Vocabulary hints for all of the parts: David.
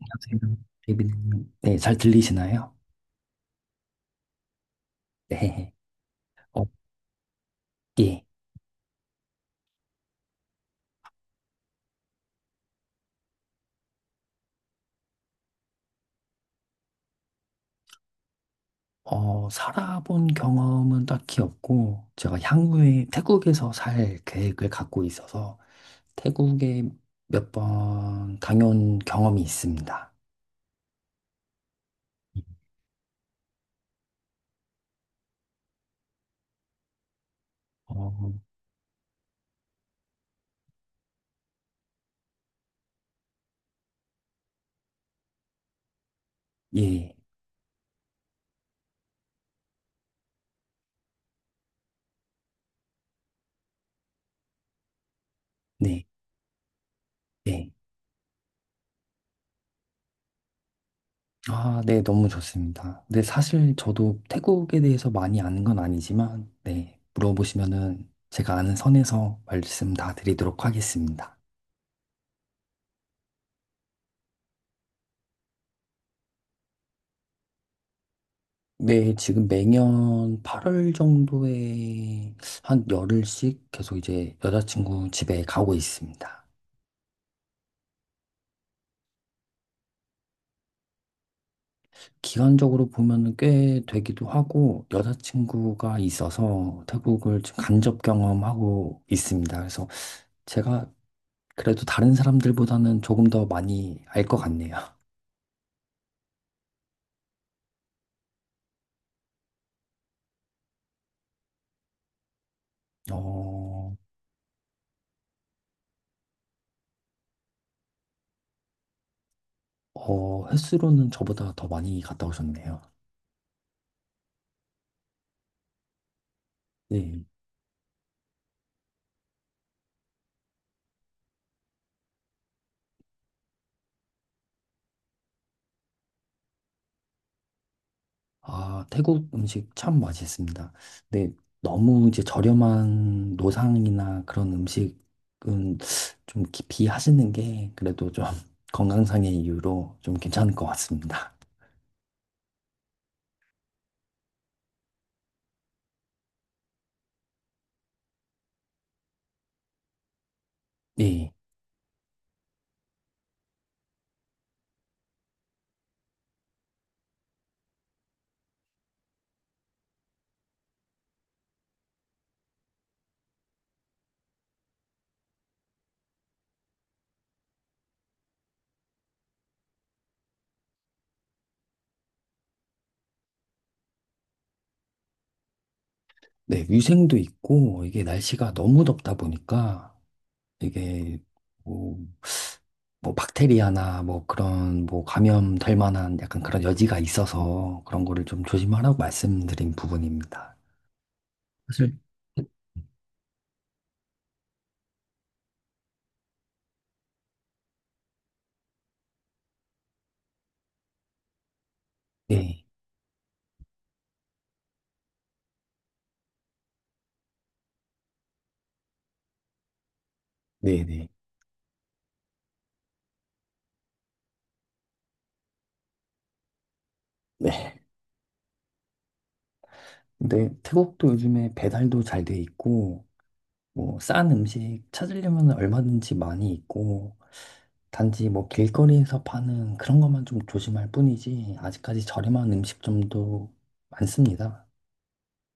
안녕하세요. 데이비드님. 네, 잘 들리시나요? 네. 어, 예. 살아본 경험은 딱히 없고, 제가 향후에 태국에서 살 계획을 갖고 있어서 태국에 몇 번 다녀온 경험이 있습니다. 어, 예. 네. 네. 아, 네. 너무 좋습니다. 근데 사실 저도 태국에 대해서 많이 아는 건 아니지만, 네, 물어보시면은 제가 아는 선에서 말씀 다 드리도록 하겠습니다. 네, 지금 매년 8월 정도에 한 열흘씩 계속 이제 여자친구 집에 가고 있습니다. 기간적으로 보면은 꽤 되기도 하고 여자친구가 있어서 태국을 지금 간접 경험하고 있습니다. 그래서 제가 그래도 다른 사람들보다는 조금 더 많이 알 것 같네요. 어, 횟수로는 저보다 더 많이 갔다 오셨네요. 네. 아, 태국 음식 참 맛있습니다. 근데 너무 이제 저렴한 노상이나 그런 음식은 좀 비하시는 게 그래도 좀 건강상의 이유로 좀 괜찮을 것 같습니다. 네, 네, 위생도 있고 이게 날씨가 너무 덥다 보니까 이게 뭐, 뭐 박테리아나 뭐 그런 뭐 감염될 만한 약간 그런 여지가 있어서 그런 거를 좀 조심하라고 말씀드린 부분입니다. 네, 네, 네, 네. 근데 태국도 요즘에 배달도 잘 돼 있고, 뭐, 싼 음식 찾으려면 얼마든지 많이 있고, 단지 뭐 길거리에서 파는 그런 것만 좀 조심할 뿐이지, 아직까지 저렴한 음식점도 많습니다.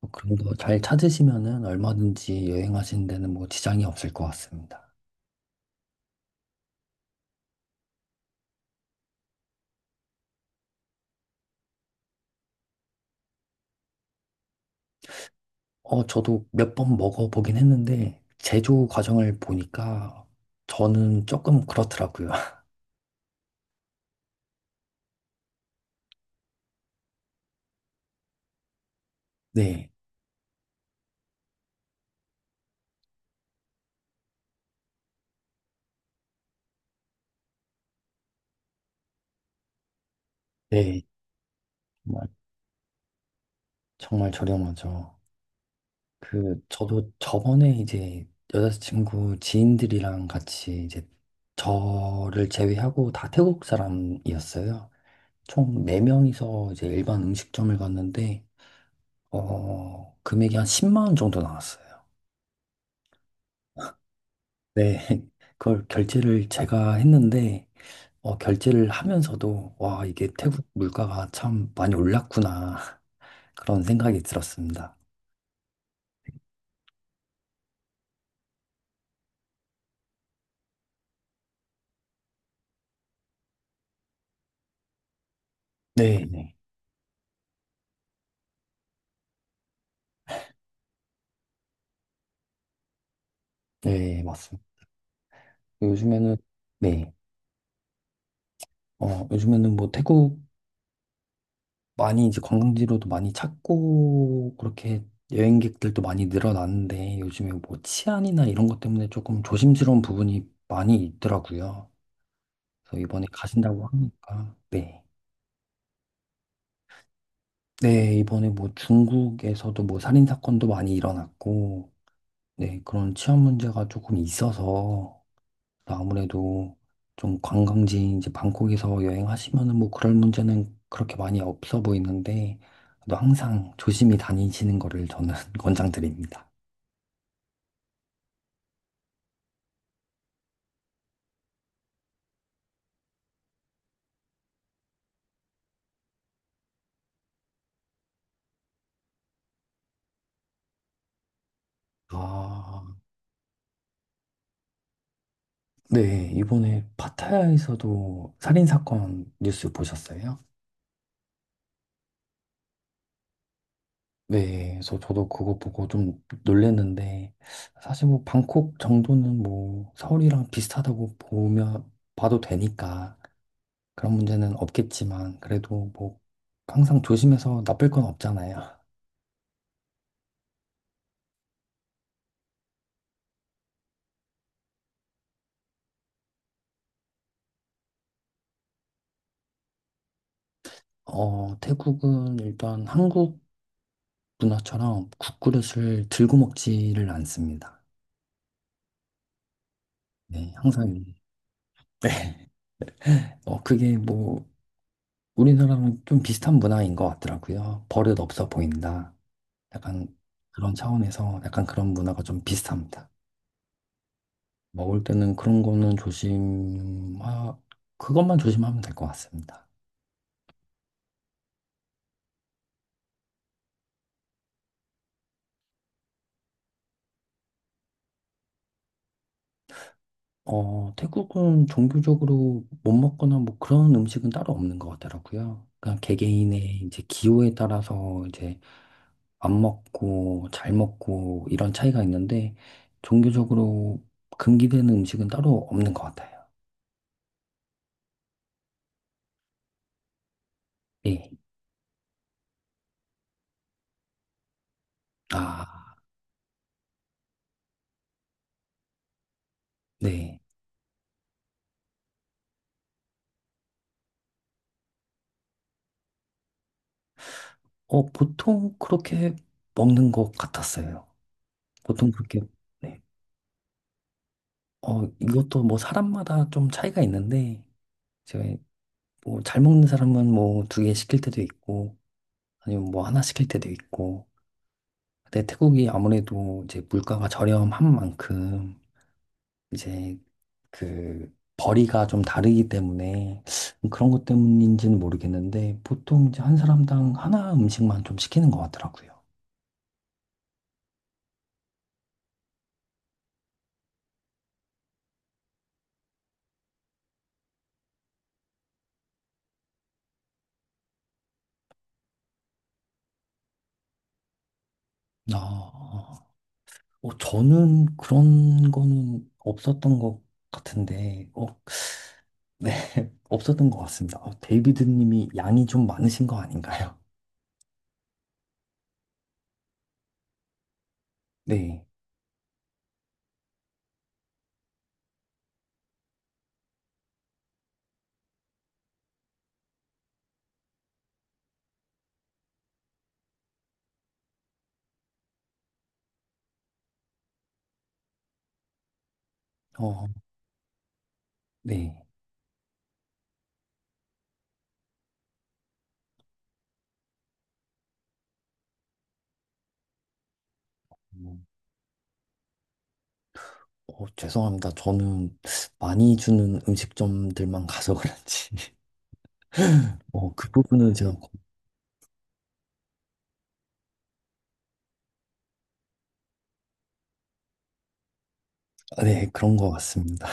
뭐 그런 거 잘 찾으시면은 얼마든지 여행하시는 데는 뭐 지장이 없을 것 같습니다. 저도 몇 번 먹어보긴 했는데, 제조 과정을 보니까 저는 조금 그렇더라고요. 네, 네, 정말, 정말 저렴하죠. 그, 저도 저번에 이제 여자친구 지인들이랑 같이 이제 저를 제외하고 다 태국 사람이었어요. 총 4명이서 이제 일반 음식점을 갔는데, 금액이 한 10만 원 정도 나왔어요. 네. 그걸 결제를 제가 했는데, 결제를 하면서도, 와, 이게 태국 물가가 참 많이 올랐구나. 그런 생각이 들었습니다. 네, 네, 맞습니다. 요즘에는, 네, 요즘에는 뭐 태국 많이 이제 관광지로도 많이 찾고 그렇게 여행객들도 많이 늘어났는데 요즘에 뭐 치안이나 이런 것 때문에 조금 조심스러운 부분이 많이 있더라고요. 그래서 이번에 가신다고 하니까 네. 네, 이번에 뭐 중국에서도 뭐 살인 사건도 많이 일어났고 네, 그런 치안 문제가 조금 있어서 아무래도 좀 관광지인 이제 방콕에서 여행하시면은 뭐 그럴 문제는 그렇게 많이 없어 보이는데 또 항상 조심히 다니시는 거를 저는 권장드립니다. 아, 네. 이번에 파타야에서도 살인 사건 뉴스 보셨어요? 네. 그래서 저도 그거 보고 좀 놀랬는데 사실 뭐 방콕 정도는 뭐 서울이랑 비슷하다고 보면 봐도 되니까 그런 문제는 없겠지만 그래도 뭐 항상 조심해서 나쁠 건 없잖아요. 태국은 일단 한국 문화처럼 국그릇을 들고 먹지를 않습니다. 네, 항상 네. 그게 뭐 우리나라랑 좀 비슷한 문화인 것 같더라고요. 버릇 없어 보인다. 약간 그런 차원에서 약간 그런 문화가 좀 비슷합니다. 먹을 때는 그런 거는 조심, 하 그것만 조심하면 될 것 같습니다. 태국은 종교적으로 못 먹거나 뭐 그런 음식은 따로 없는 것 같더라고요. 그냥 개개인의 이제 기호에 따라서 이제 안 먹고 잘 먹고 이런 차이가 있는데 종교적으로 금기되는 음식은 따로 없는 것 같아요. 예. 아, 네. 보통 그렇게 먹는 것 같았어요. 보통 그렇게, 네. 이것도 뭐 사람마다 좀 차이가 있는데, 제가 뭐 잘 먹는 사람은 뭐 두 개 시킬 때도 있고, 아니면 뭐 하나 시킬 때도 있고. 근데 태국이 아무래도 이제 물가가 저렴한 만큼 이제 그 벌이가 좀 다르기 때문에 그런 것 때문인지는 모르겠는데 보통 이제 한 사람당 하나 음식만 좀 시키는 것 같더라고요. 아, 어, 저는 그런 거는 없었던 것 같은데, 네, 없었던 것 같습니다. 어, 데이비드 님이 양이 좀 많으신 거 아닌가요? 네, 어, 네. 죄송합니다. 저는 많이 주는 음식점들만 가서 그런지. 그 부분은 네, 그런 것 같습니다.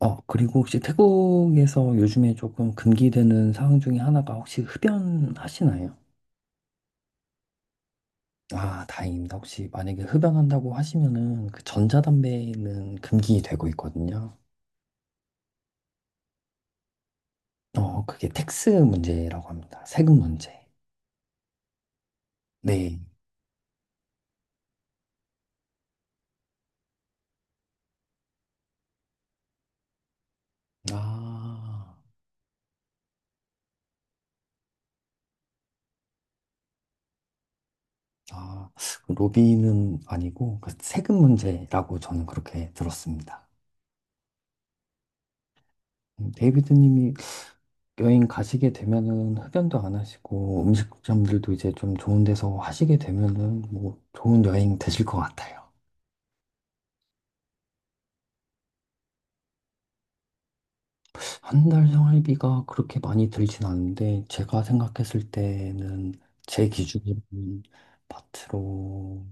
그리고 혹시 태국에서 요즘에 조금 금기되는 상황 중에 하나가 혹시 흡연하시나요? 아, 다행입니다. 혹시 만약에 흡연한다고 하시면은 그 전자담배는 금기되고 있거든요. 그게 텍스 문제라고 합니다. 세금 문제. 네. 아. 아, 그 로비는 아니고 그 세금 문제라고 저는 그렇게 들었습니다. 데이비드님이 여행 가시게 되면은 흡연도 안 하시고 음식점들도 이제 좀 좋은 데서 하시게 되면은 뭐 좋은 여행 되실 것 같아요. 한 달 생활비가 그렇게 많이 들진 않은데 제가 생각했을 때는 제 기준으로는 바트로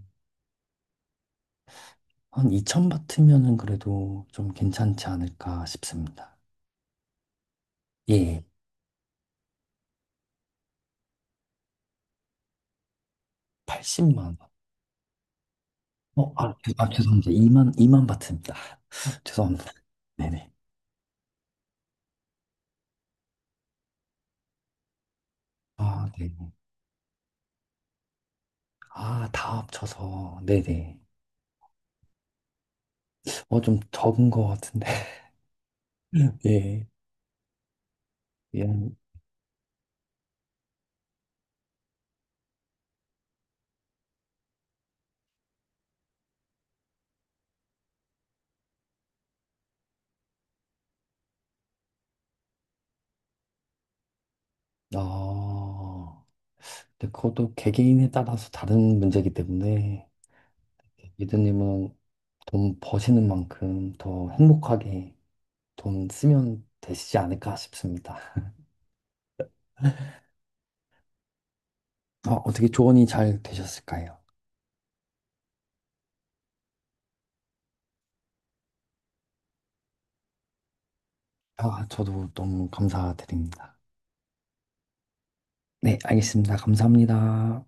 한 2천 바트면은 그래도 좀 괜찮지 않을까 싶습니다. 예, 80만 원. 죄송합니다. 2만 바트입니다. 죄송합니다. 네네. 아, 네네. 아, 다 합쳐서. 네네. 좀 적은 것 같은데. 예. 미안. 아, 근데 그것도 개개인에 따라서 다른 문제이기 때문에, 미드님은 돈 버시는 만큼 더 행복하게 돈 쓰면 되시지 않을까 싶습니다. 아, 어떻게 조언이 잘 되셨을까요? 아, 저도 너무 감사드립니다. 네, 알겠습니다. 감사합니다.